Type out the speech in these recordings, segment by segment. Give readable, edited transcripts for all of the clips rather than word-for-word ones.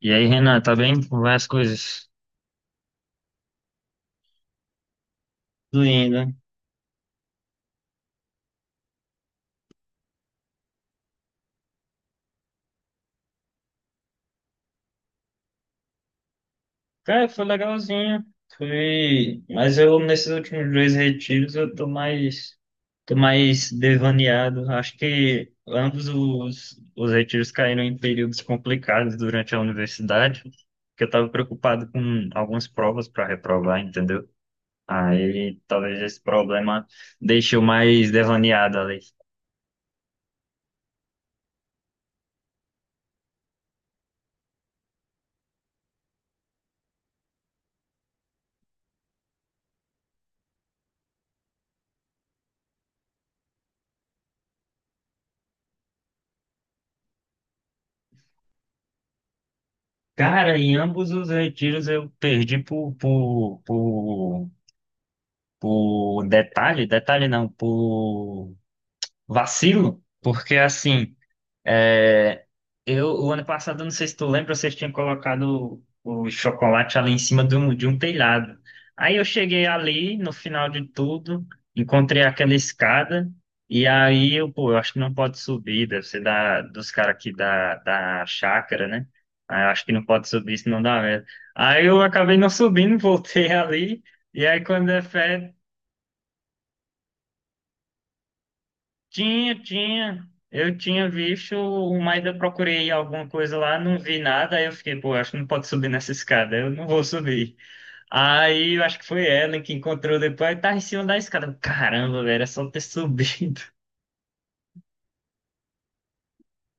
E aí, Renan, tá bem? Como vai as coisas? Tudo indo. Cara, foi legalzinho. Foi. Mas eu, nesses últimos dois retiros, eu tô mais. Tô mais devaneado. Acho que ambos os retiros caíram em períodos complicados durante a universidade, porque eu tava preocupado com algumas provas para reprovar, entendeu? Aí talvez esse problema deixe eu mais devaneado ali. Cara, em ambos os retiros eu perdi por detalhe, detalhe não, por vacilo, porque assim, é, eu o ano passado, eu não sei se tu lembra, vocês tinham colocado o chocolate ali em cima de um telhado. Aí eu cheguei ali, no final de tudo, encontrei aquela escada, e aí eu, pô, eu acho que não pode subir, deve ser da, dos caras aqui da chácara, né? Aí eu acho que não pode subir, senão dá merda. Aí eu acabei não subindo, voltei ali. E aí, quando é fé, tinha, tinha. Eu tinha visto, mas eu procurei alguma coisa lá, não vi nada. Aí eu fiquei, pô, acho que não pode subir nessa escada, eu não vou subir. Aí eu acho que foi ela que encontrou depois, tava em cima da escada. Caramba, velho, é só ter subido.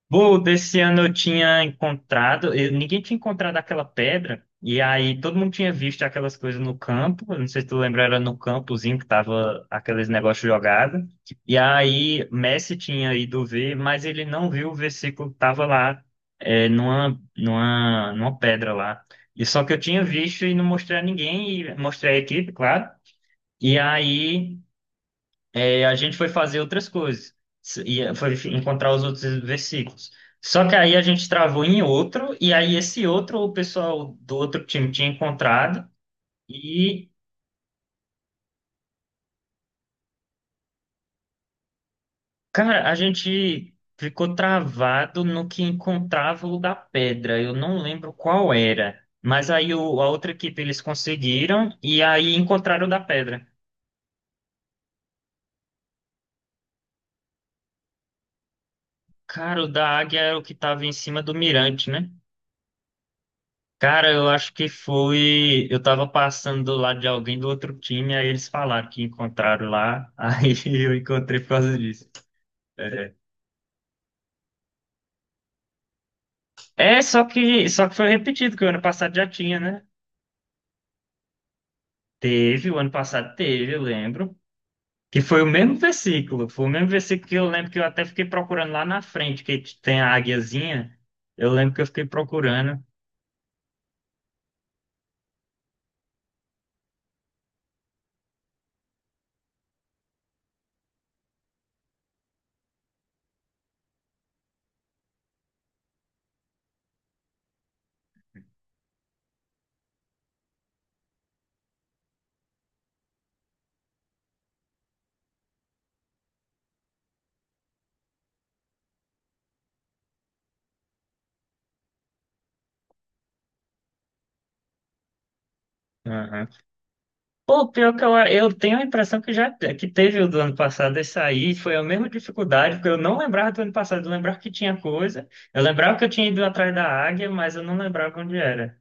Pô, desse ano eu tinha encontrado, ninguém tinha encontrado aquela pedra, e aí todo mundo tinha visto aquelas coisas no campo, eu não sei se tu lembra, era no campozinho que tava aqueles negócios jogados, e aí Messi tinha ido ver, mas ele não viu o versículo que tava lá, numa, numa pedra lá. E só que eu tinha visto e não mostrei a ninguém, e mostrei a equipe, claro, e aí. E a gente foi fazer outras coisas, e foi encontrar os outros versículos. Só que aí a gente travou em outro, e aí esse outro o pessoal do outro time tinha encontrado, e, cara, a gente ficou travado no que encontrava o da pedra, eu não lembro qual era. Mas aí a outra equipe eles conseguiram, e aí encontraram o da pedra. Cara, o da águia era o que estava em cima do mirante, né? Cara, eu acho que foi. Eu tava passando do lado de alguém do outro time, aí eles falaram que encontraram lá, aí eu encontrei por causa disso. É, é, só que foi repetido, que o ano passado já tinha, né? Teve, o ano passado teve, eu lembro. Que foi o mesmo versículo, foi o mesmo versículo que eu lembro que eu até fiquei procurando lá na frente, que tem a águiazinha. Eu lembro que eu fiquei procurando. Pô, pior que eu tenho a impressão que já que teve o do ano passado esse aí, foi a mesma dificuldade, porque eu não lembrava do ano passado, eu lembrava que tinha coisa, eu lembrava que eu tinha ido atrás da águia, mas eu não lembrava onde era.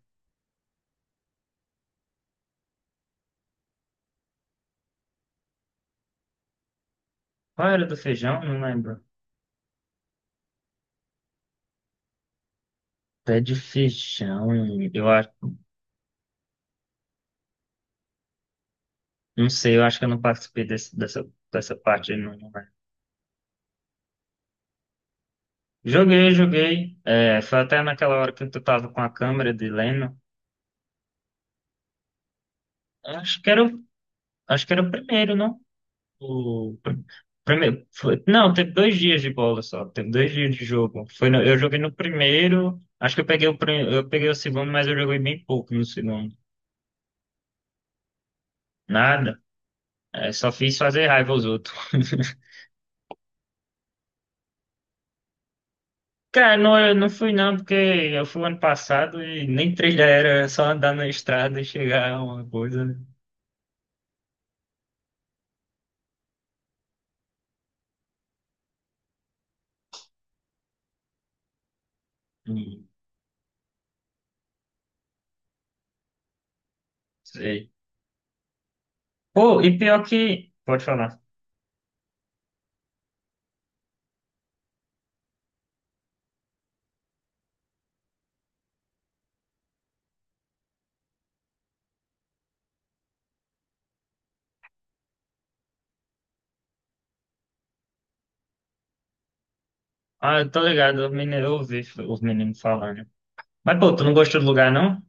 Qual era do feijão? Não lembro. Pé de feijão, eu acho, não sei, eu acho que eu não participei dessa parte aí, não, não lembro. Joguei, joguei, é, foi até naquela hora que tu tava com a câmera de Leno, acho que era, o- acho que era o primeiro, não? O primeiro, foi, não, teve 2 dias de bola só. Teve 2 dias de jogo. Foi no- Eu joguei no primeiro. Acho que eu peguei o segundo, mas eu joguei bem pouco no segundo. Nada. É, só fiz fazer raiva aos outros. Cara, não, eu não fui não, porque eu fui ano passado e nem trilha era, só andar na estrada e chegar a uma coisa, né? Hum. Sei. Pô, e pior que. Pode falar. Ah, eu tô ligado, os meninos, eu ouvi os meninos falando. Mas, pô, tu não gostou do lugar, não?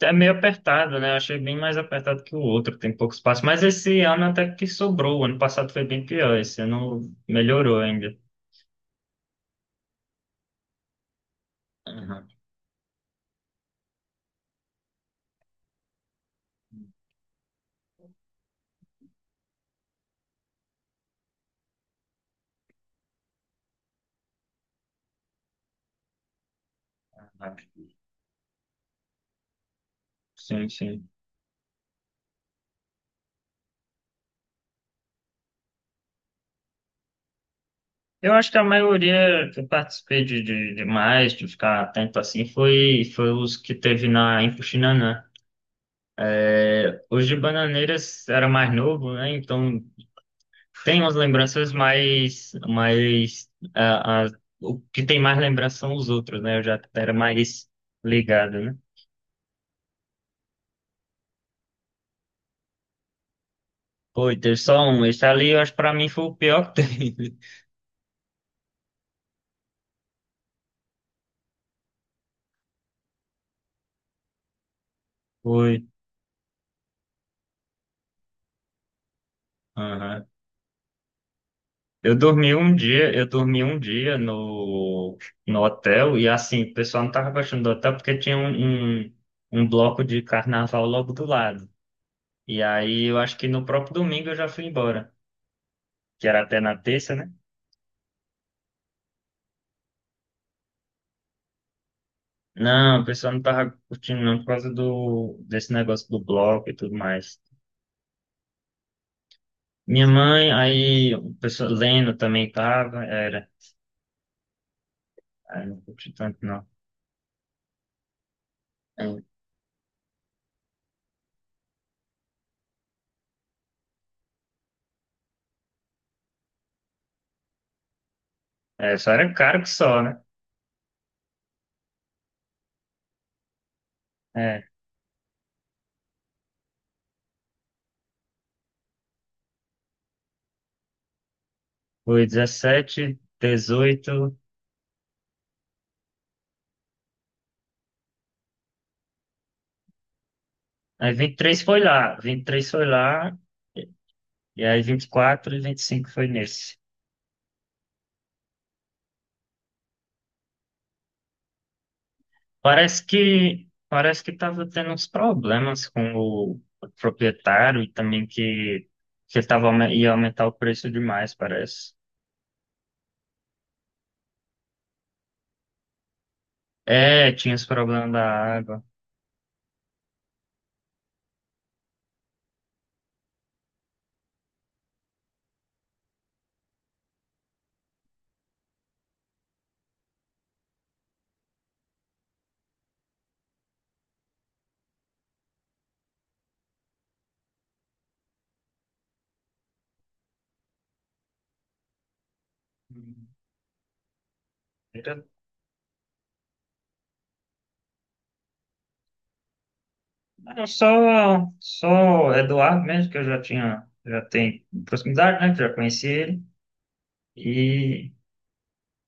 É meio apertado, né? Eu achei bem mais apertado que o outro, tem pouco espaço. Mas esse ano até que sobrou. O ano passado foi bem pior, esse ano melhorou ainda. Aham. Aham. Sim, sim. Eu acho que a maioria que eu participei de mais, de ficar atento assim, foi os que teve na em Puxinanã. É, os de Bananeiras era mais novo, né? Então tem umas lembranças mais, o que tem mais lembrança são os outros, né? Eu já era mais ligado, né? Foi, teve só um. Esse ali, eu acho, que pra mim, foi o pior que teve. Foi. Aham. Eu dormi um dia no, no hotel e, assim, o pessoal não tava gostando do hotel porque tinha um, um bloco de carnaval logo do lado. E aí, eu acho que no próprio domingo eu já fui embora, que era até na terça, né? Não, o pessoal não tava curtindo não por causa desse negócio do bloco e tudo mais. Minha mãe, aí o pessoal lendo também aí não curti tanto não. É, é, só era caro que só, né? É, foi 2017, dezoito, aí 23 foi lá, 23 foi lá, e aí vinte e quatro e vinte e cinco foi nesse. Parece que tava tendo uns problemas com o proprietário e também que ia aumentar o preço demais, parece. É, tinha esse problema da água. Hum. Era- era só Eduardo mesmo, que eu já tinha, já tenho proximidade, né? Que já conheci ele. E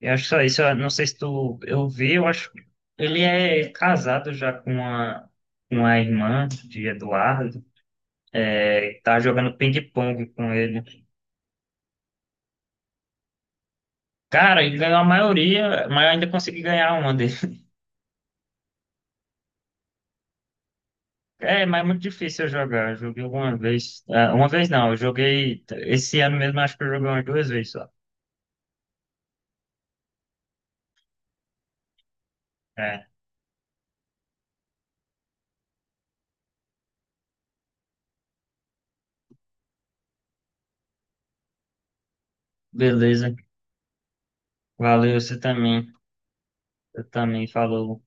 eu acho só isso. Eu não sei se tu, eu vi, eu acho ele é casado já com uma, irmã de Eduardo. É, tá jogando ping-pong com ele. Cara, ele ganhou a maioria, mas eu ainda consegui ganhar uma. É, mas é muito difícil eu jogar. Eu joguei uma vez. Uma vez não, eu joguei. Esse ano mesmo, acho que eu joguei umas duas vezes só. É, beleza. Valeu, você também. Você também falou.